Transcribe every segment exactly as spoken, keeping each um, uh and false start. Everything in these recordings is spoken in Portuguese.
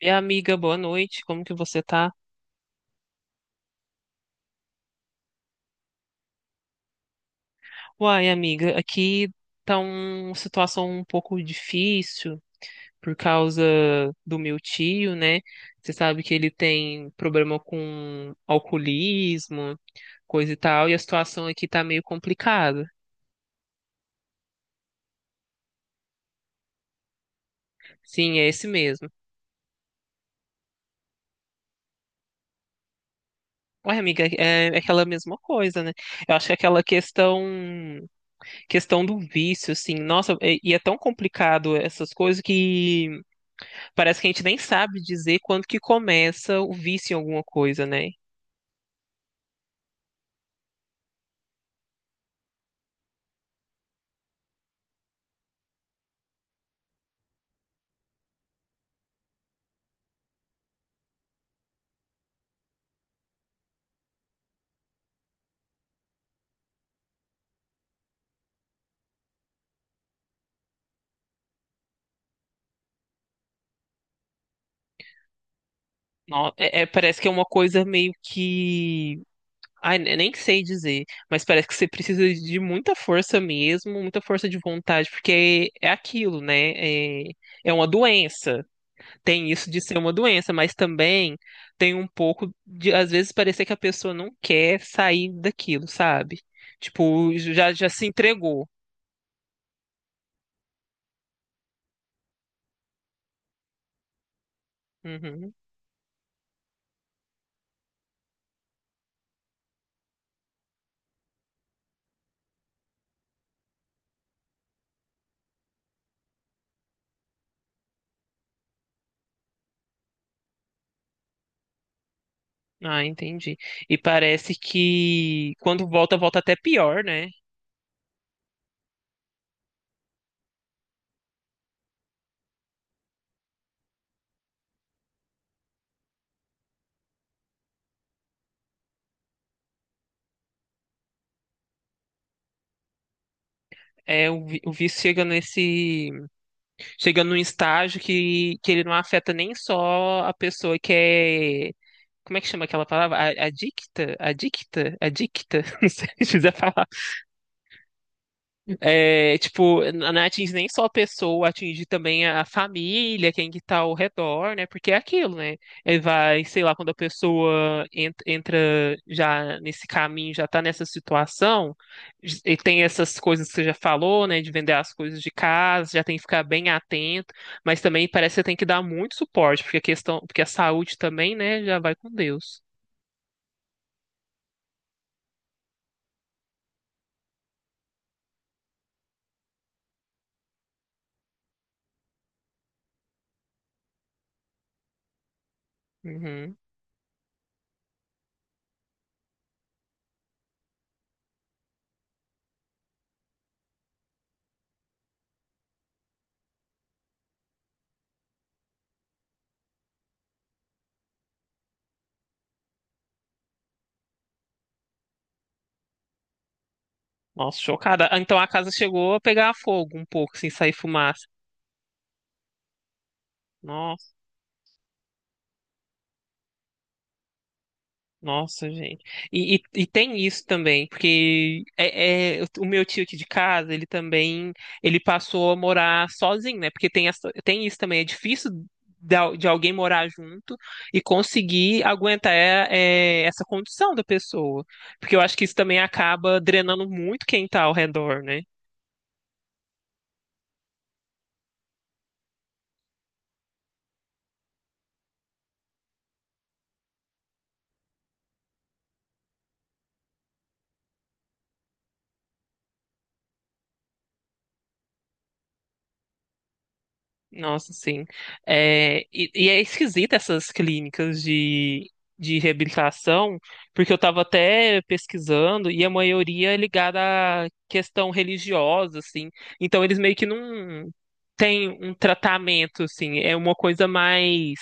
E amiga, boa noite. Como que você tá? Uai, amiga, aqui tá um, uma situação um pouco difícil por causa do meu tio, né? Você sabe que ele tem problema com alcoolismo, coisa e tal, e a situação aqui tá meio complicada. Sim, é esse mesmo. Uai, amiga, é é aquela mesma coisa, né? Eu acho que é aquela questão questão do vício, assim, nossa, e e é tão complicado essas coisas que parece que a gente nem sabe dizer quando que começa o vício em alguma coisa, né? No- é- é- parece que é uma coisa meio que. Ai, ne- nem sei dizer, mas parece que você precisa de muita força mesmo, muita força de vontade, porque é aquilo, né? É, É uma doença. Tem isso de ser uma doença, mas também tem um pouco de, às vezes, parecer que a pessoa não quer sair daquilo, sabe? Tipo, já, já se entregou. Uhum. Ah, entendi. E parece que quando volta, volta até pior, né? É, o, vi- o vício chega nesse, chega num estágio que, que ele não afeta nem só a pessoa que é, como é que chama aquela palavra? A- Adicta? Adicta? Adicta? Não sei se fizer a é, tipo, não atinge nem só a pessoa, atinge também a família, quem que tá ao redor, né? Porque é aquilo, né? Ele vai, sei lá, quando a pessoa en- entra já nesse caminho, já tá nessa situação, j- e tem essas coisas que você já falou, né? De vender as coisas de casa, já tem que ficar bem atento, mas também parece que você tem que dar muito suporte, porque a questão, porque a saúde também, né, já vai com Deus. Uhum. Nossa, chocada. Ah, então a casa chegou a pegar fogo um pouco, sem sair fumaça. Nossa. Nossa, gente. E, e, e tem isso também, porque é, é- o meu tio aqui de casa, ele também, ele passou a morar sozinho, né? Porque tem, essa, tem isso também, é difícil de, al- de alguém morar junto e conseguir aguentar é, essa condição da pessoa. Porque eu acho que isso também acaba drenando muito quem tá ao redor, né? Nossa, sim. É, e, e é esquisita essas clínicas de, de reabilitação, porque eu estava até pesquisando e a maioria é ligada à questão religiosa, assim. Então eles meio que não têm um tratamento, assim. É uma coisa mais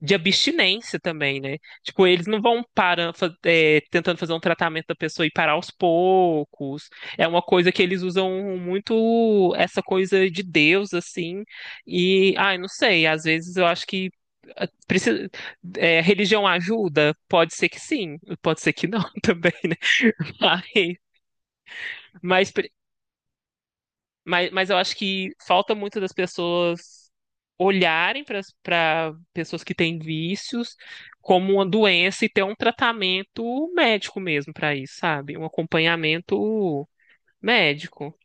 de abstinência também, né? Tipo, eles não vão parar, fa- é, tentando fazer um tratamento da pessoa e parar aos poucos. É uma coisa que eles usam muito essa coisa de Deus, assim. E, ai, não sei, às vezes eu acho que eh, precisa, é, religião ajuda? Pode ser que sim, pode ser que não também, né? Mas, mas mas, mas eu acho que falta muito das pessoas olharem para pessoas que têm vícios como uma doença e ter um tratamento médico mesmo para isso, sabe? Um acompanhamento médico.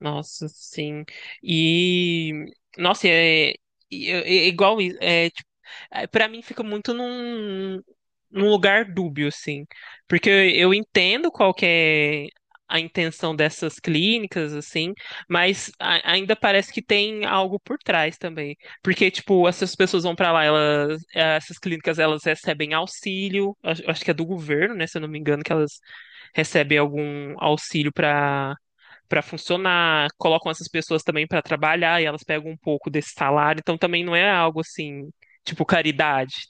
Nossa, sim. E nossa, é, é- é igual isso. É, tipo, é, para mim fica muito num, num lugar dúbio, assim. Porque eu entendo qual que é a intenção dessas clínicas, assim, mas a- ainda parece que tem algo por trás também. Porque, tipo, essas pessoas vão pra lá, elas, eh, essas clínicas, elas recebem auxílio, acho acho que é do governo, né, se eu não me engano, que elas recebem algum auxílio para para funcionar, colocam essas pessoas também para trabalhar e elas pegam um pouco desse salário, então também não é algo assim, tipo caridade.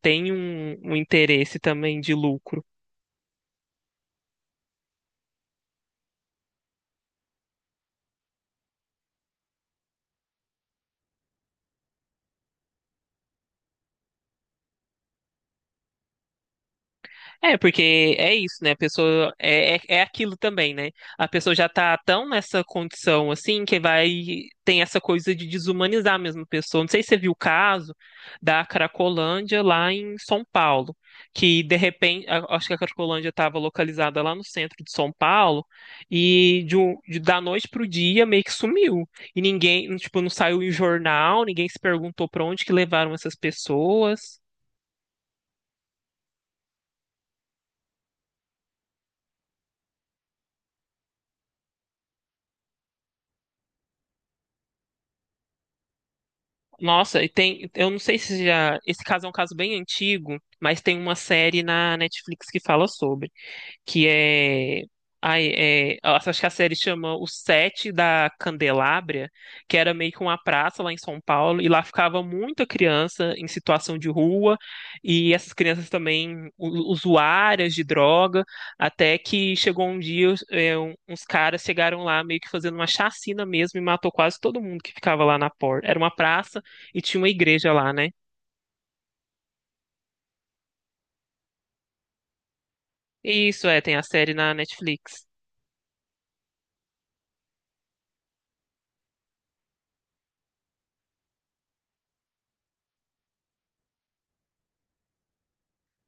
Tem um, um interesse também de lucro. É, porque é isso, né? A pessoa é, é, é aquilo também, né? A pessoa já tá tão nessa condição assim que vai tem essa coisa de desumanizar mesmo a pessoa. Não sei se você viu o caso da Cracolândia lá em São Paulo, que de repente, a- acho que a Cracolândia estava localizada lá no centro de São Paulo e de, um- de- da noite pro dia meio que sumiu. E ninguém, tipo, não saiu em jornal, ninguém se perguntou para onde que levaram essas pessoas. Nossa, e tem, eu não sei se já, esse caso é um caso bem antigo, mas tem uma série na Netflix que fala sobre que é. Ai, é, acho que a série chama O Sete da Candelária, que era meio que uma praça lá em São Paulo, e lá ficava muita criança em situação de rua, e essas crianças também u- usuárias de droga, até que chegou um dia, é, um- uns caras chegaram lá meio que fazendo uma chacina mesmo e matou quase todo mundo que ficava lá na porta. Era uma praça e tinha uma igreja lá, né? Isso, é, tem a série na Netflix.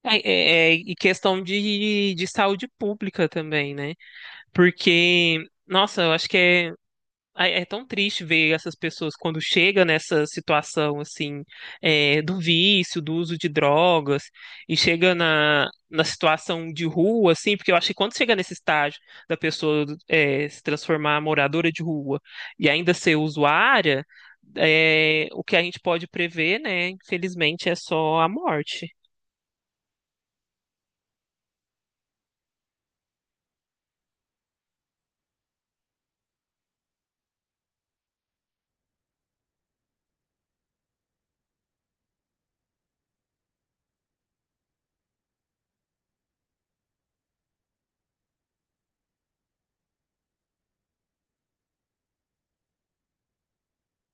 É, é- é- e questão de, de saúde pública também, né? Porque, nossa, eu acho que é, é é tão triste ver essas pessoas quando chega nessa situação, assim, é, do vício, do uso de drogas, e chega na, na situação de rua, assim, porque eu acho que quando chega nesse estágio da pessoa, é, se transformar em moradora de rua e ainda ser usuária, é, o que a gente pode prever, né, infelizmente, é só a morte.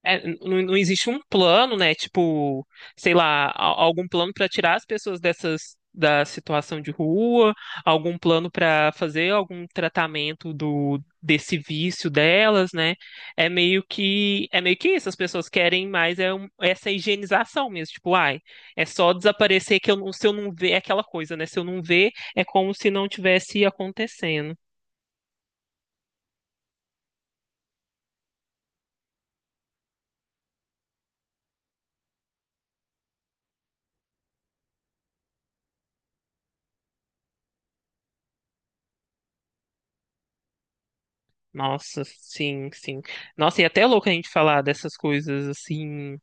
É, n- não, não existe um plano, né? Tipo, sei lá, a- algum plano para tirar as pessoas dessas da situação de rua, algum plano para fazer algum tratamento do desse vício delas, né? É meio que é meio que isso. As pessoas querem mais é um- essa higienização mesmo. Tipo, ai, é só desaparecer que eu não, se eu não ver é aquela coisa, né? Se eu não ver, é como se não tivesse acontecendo. Nossa, sim, sim. Nossa, e até é louco a gente falar dessas coisas assim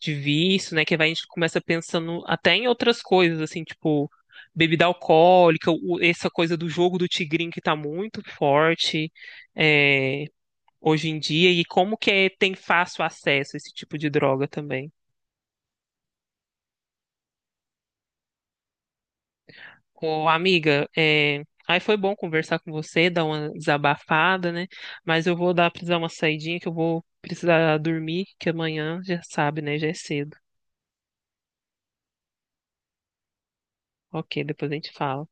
de vício, né? Que vai, a gente começa pensando até em outras coisas, assim, tipo bebida alcoólica, o- essa coisa do jogo do tigrinho que tá muito forte é, hoje em dia, e como que é- tem fácil acesso a esse tipo de droga também. Ô, amiga, é, aí foi bom conversar com você, dar uma desabafada, né? Mas eu vou dar precisar uma saidinha que eu vou precisar dormir, que amanhã já sabe, né? Já é cedo. Ok, depois a gente fala.